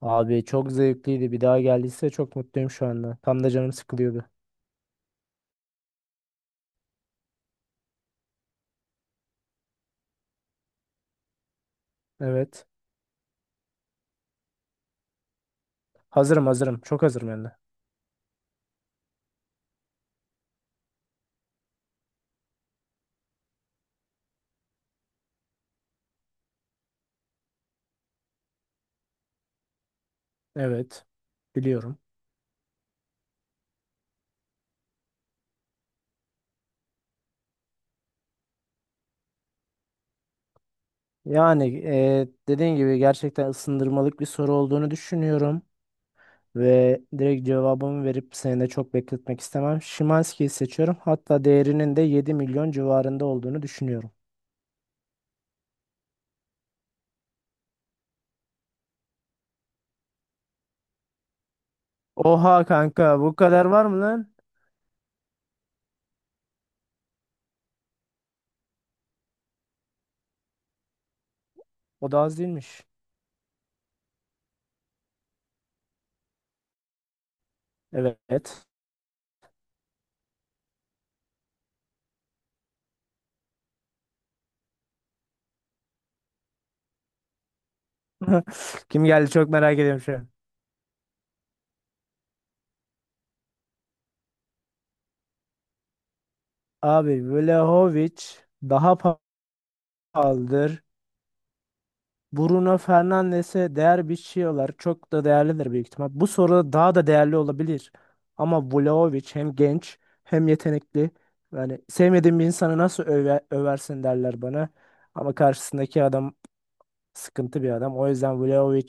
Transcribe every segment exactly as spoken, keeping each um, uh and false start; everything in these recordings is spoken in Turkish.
Abi çok zevkliydi. Bir daha geldiyse çok mutluyum şu anda. Tam da canım sıkılıyordu. Evet. Hazırım hazırım. Çok hazırım yani. Evet. Biliyorum. Yani e, dediğin gibi gerçekten ısındırmalık bir soru olduğunu düşünüyorum. Ve direkt cevabımı verip seni de çok bekletmek istemem. Şimanski'yi seçiyorum. Hatta değerinin de yedi milyon civarında olduğunu düşünüyorum. Oha kanka bu kadar var mı lan? O da az değilmiş. Evet. Kim geldi çok merak ediyorum şu an. Abi Vlahovic daha pa- pahalıdır. Bruno Fernandes'e değer biçiyorlar. Çok da değerlidir büyük ihtimal. Bu soru daha da değerli olabilir. Ama Vlahovic hem genç hem yetenekli. Yani sevmediğim bir insanı nasıl öve- översin derler bana. Ama karşısındaki adam sıkıntı bir adam. O yüzden Vlahovic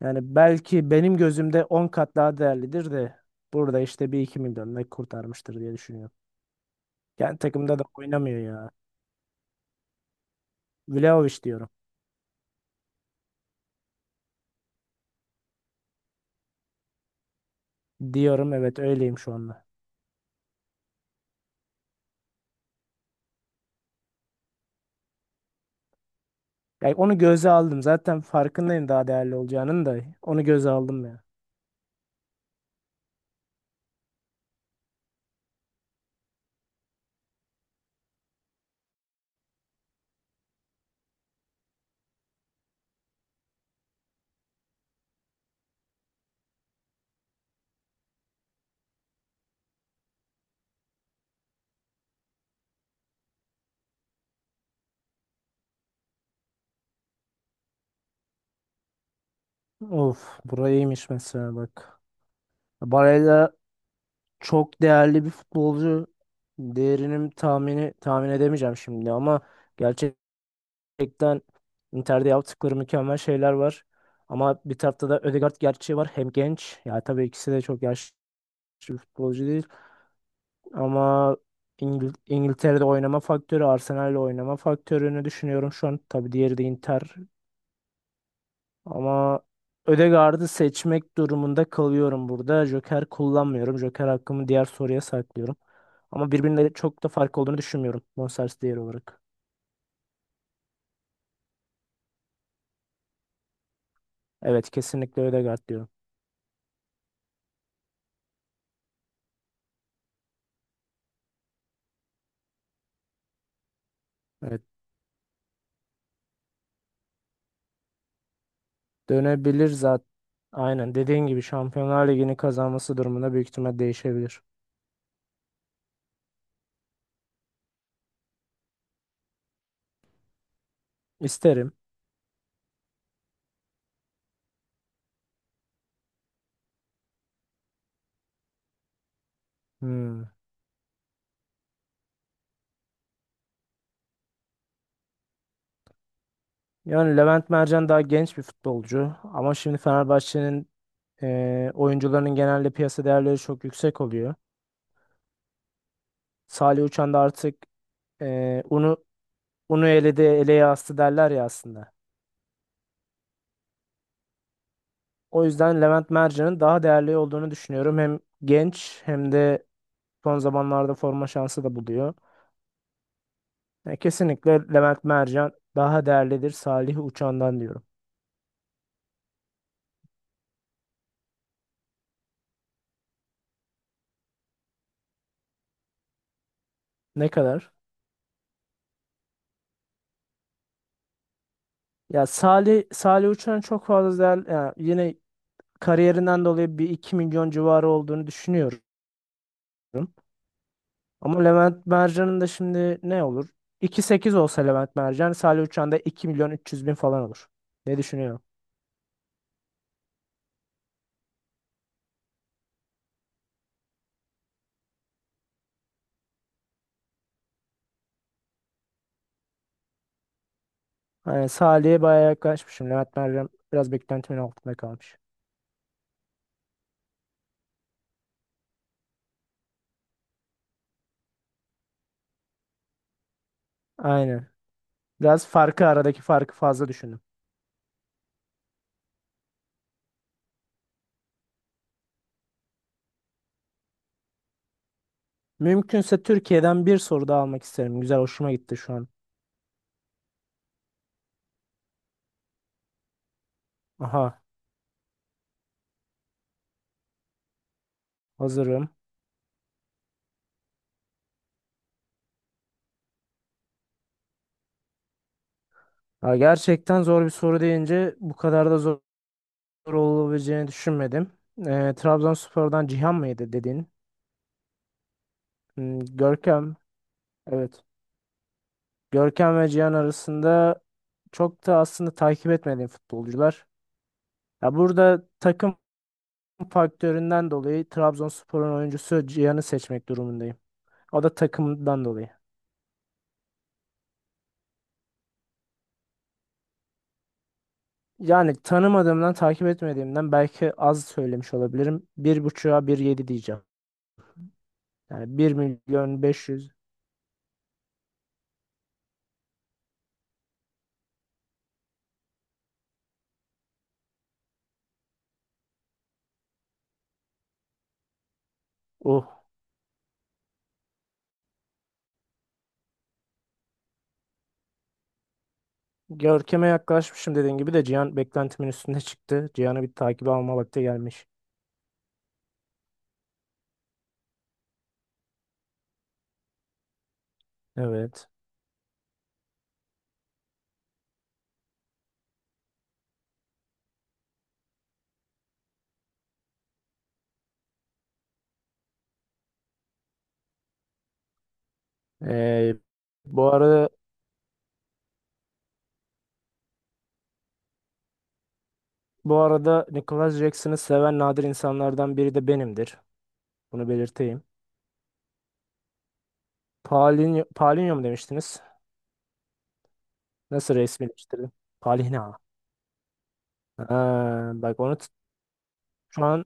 yani belki benim gözümde on kat daha değerlidir de burada işte bir iki milyonla kurtarmıştır diye düşünüyorum. Yani takımda da oynamıyor ya. Vlahovic diyorum. Diyorum evet öyleyim şu anda. Yani onu göze aldım. Zaten farkındayım daha değerli olacağının da. Onu göze aldım ya. Of burayıymış mesela bak. Barella çok değerli bir futbolcu. Değerinin tahmini tahmin edemeyeceğim şimdi ama gerçekten Inter'de yaptıkları mükemmel şeyler var. Ama bir tarafta da Ødegaard gerçeği var. Hem genç. Ya tabii ikisi de çok yaşlı bir futbolcu değil. Ama İngil- İngiltere'de oynama faktörü, Arsenal'le oynama faktörünü düşünüyorum şu an. Tabii diğeri de Inter. Ama Ödegaard'ı seçmek durumunda kalıyorum burada. Joker kullanmıyorum. Joker hakkımı diğer soruya saklıyorum. Ama birbirine çok da fark olduğunu düşünmüyorum. Bonservis değeri olarak. Evet kesinlikle Ödegaard diyorum. Evet, dönebilir zaten. Aynen dediğin gibi Şampiyonlar Ligi'ni kazanması durumunda büyük ihtimal değişebilir. İsterim. Hmm. Yani Levent Mercan daha genç bir futbolcu ama şimdi Fenerbahçe'nin e, oyuncularının genelde piyasa değerleri çok yüksek oluyor. Salih Uçan da artık e, unu unu eledi eleye astı derler ya aslında. O yüzden Levent Mercan'ın daha değerli olduğunu düşünüyorum. Hem genç hem de son zamanlarda forma şansı da buluyor. Yani kesinlikle Levent Mercan daha değerlidir Salih Uçan'dan diyorum. Ne kadar? Ya Salih Salih Uçan çok fazla değer yani yine kariyerinden dolayı bir iki milyon civarı olduğunu düşünüyorum. Ama Levent Mercan'ın da şimdi ne olur? iki virgül sekiz olsa Levent Mercan, Salih Uçan da iki milyon üç yüz bin falan olur. Ne düşünüyorum? Yani Salih'e bayağı yaklaşmışım. Levent Mercan biraz beklentimin altında kalmış. Aynen. Biraz farkı aradaki farkı fazla düşündüm. Mümkünse Türkiye'den bir soru daha almak isterim. Güzel, hoşuma gitti şu an. Aha, hazırım. Ha, gerçekten zor bir soru deyince bu kadar da zor olabileceğini düşünmedim. Ee, Trabzonspor'dan Cihan mıydı dedin? Hmm, Görkem, evet. Görkem ve Cihan arasında çok da aslında takip etmediğim futbolcular. Ya burada takım faktöründen dolayı Trabzonspor'un oyuncusu Cihan'ı seçmek durumundayım. O da takımdan dolayı. Yani tanımadığımdan, takip etmediğimden belki az söylemiş olabilirim. Bir buçuğa bir yedi diyeceğim. Yani bir milyon beş yüz. Görkem'e yaklaşmışım dediğin gibi de Cihan beklentimin üstünde çıktı. Cihan'ı bir takibe alma vakti gelmiş. Evet. Ee, bu arada bu arada Nicholas Jackson'ı seven nadir insanlardan biri de benimdir. Bunu belirteyim. Paulinho, Paulinho mu demiştiniz? Nasıl resmileştirdim? Palinha. Ha, bak onu t- şu an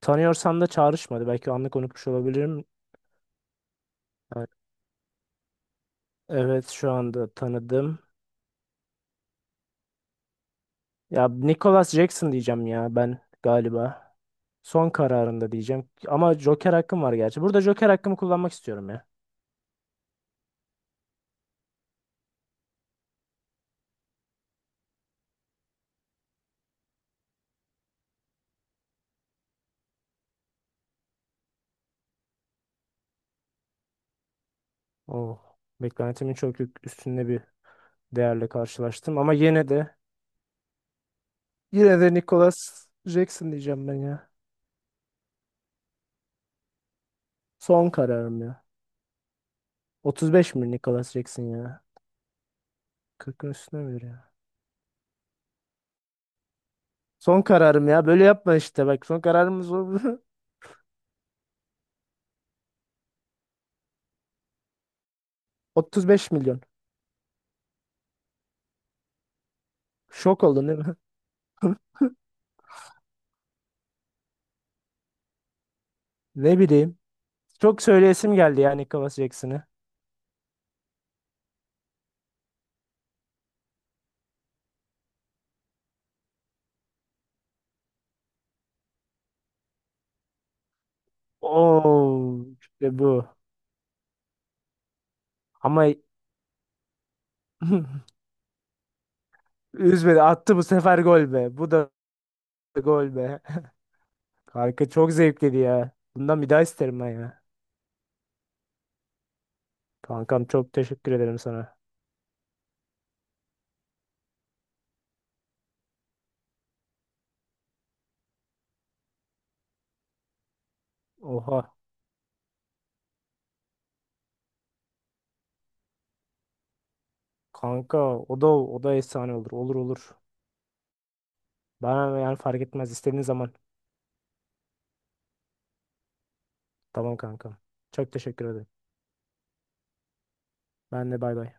tanıyorsam da çağrışmadı. Belki anlık unutmuş olabilirim. Evet, evet şu anda tanıdım. Ya Nicholas Jackson diyeceğim ya ben galiba. Son kararında diyeceğim. Ama Joker hakkım var gerçi. Burada Joker hakkımı kullanmak istiyorum ya. Oh, beklentimin çok yük- üstünde bir değerle karşılaştım. Ama yine de yine de Nicholas Jackson diyeceğim ben ya. Son kararım ya. otuz beş mi Nicholas Jackson ya? kırkın üstüne mi ya? Son kararım ya. Böyle yapma işte bak. Son kararımız oldu. otuz beş milyon. Şok oldun değil mi? Ne bileyim. Çok söyleyesim geldi ya Nicholas Jackson'ı. Oo, işte bu. Ama üzmedi. Attı bu sefer gol be. Bu da gol be. Kanka çok zevkliydi ya. Bundan bir daha isterim ben ya. Kankam çok teşekkür ederim sana. Oha. Kanka o da o da efsane olur. Olur olur. Bana yani fark etmez istediğin zaman. Tamam kankam. Çok teşekkür ederim. Ben de bay bay.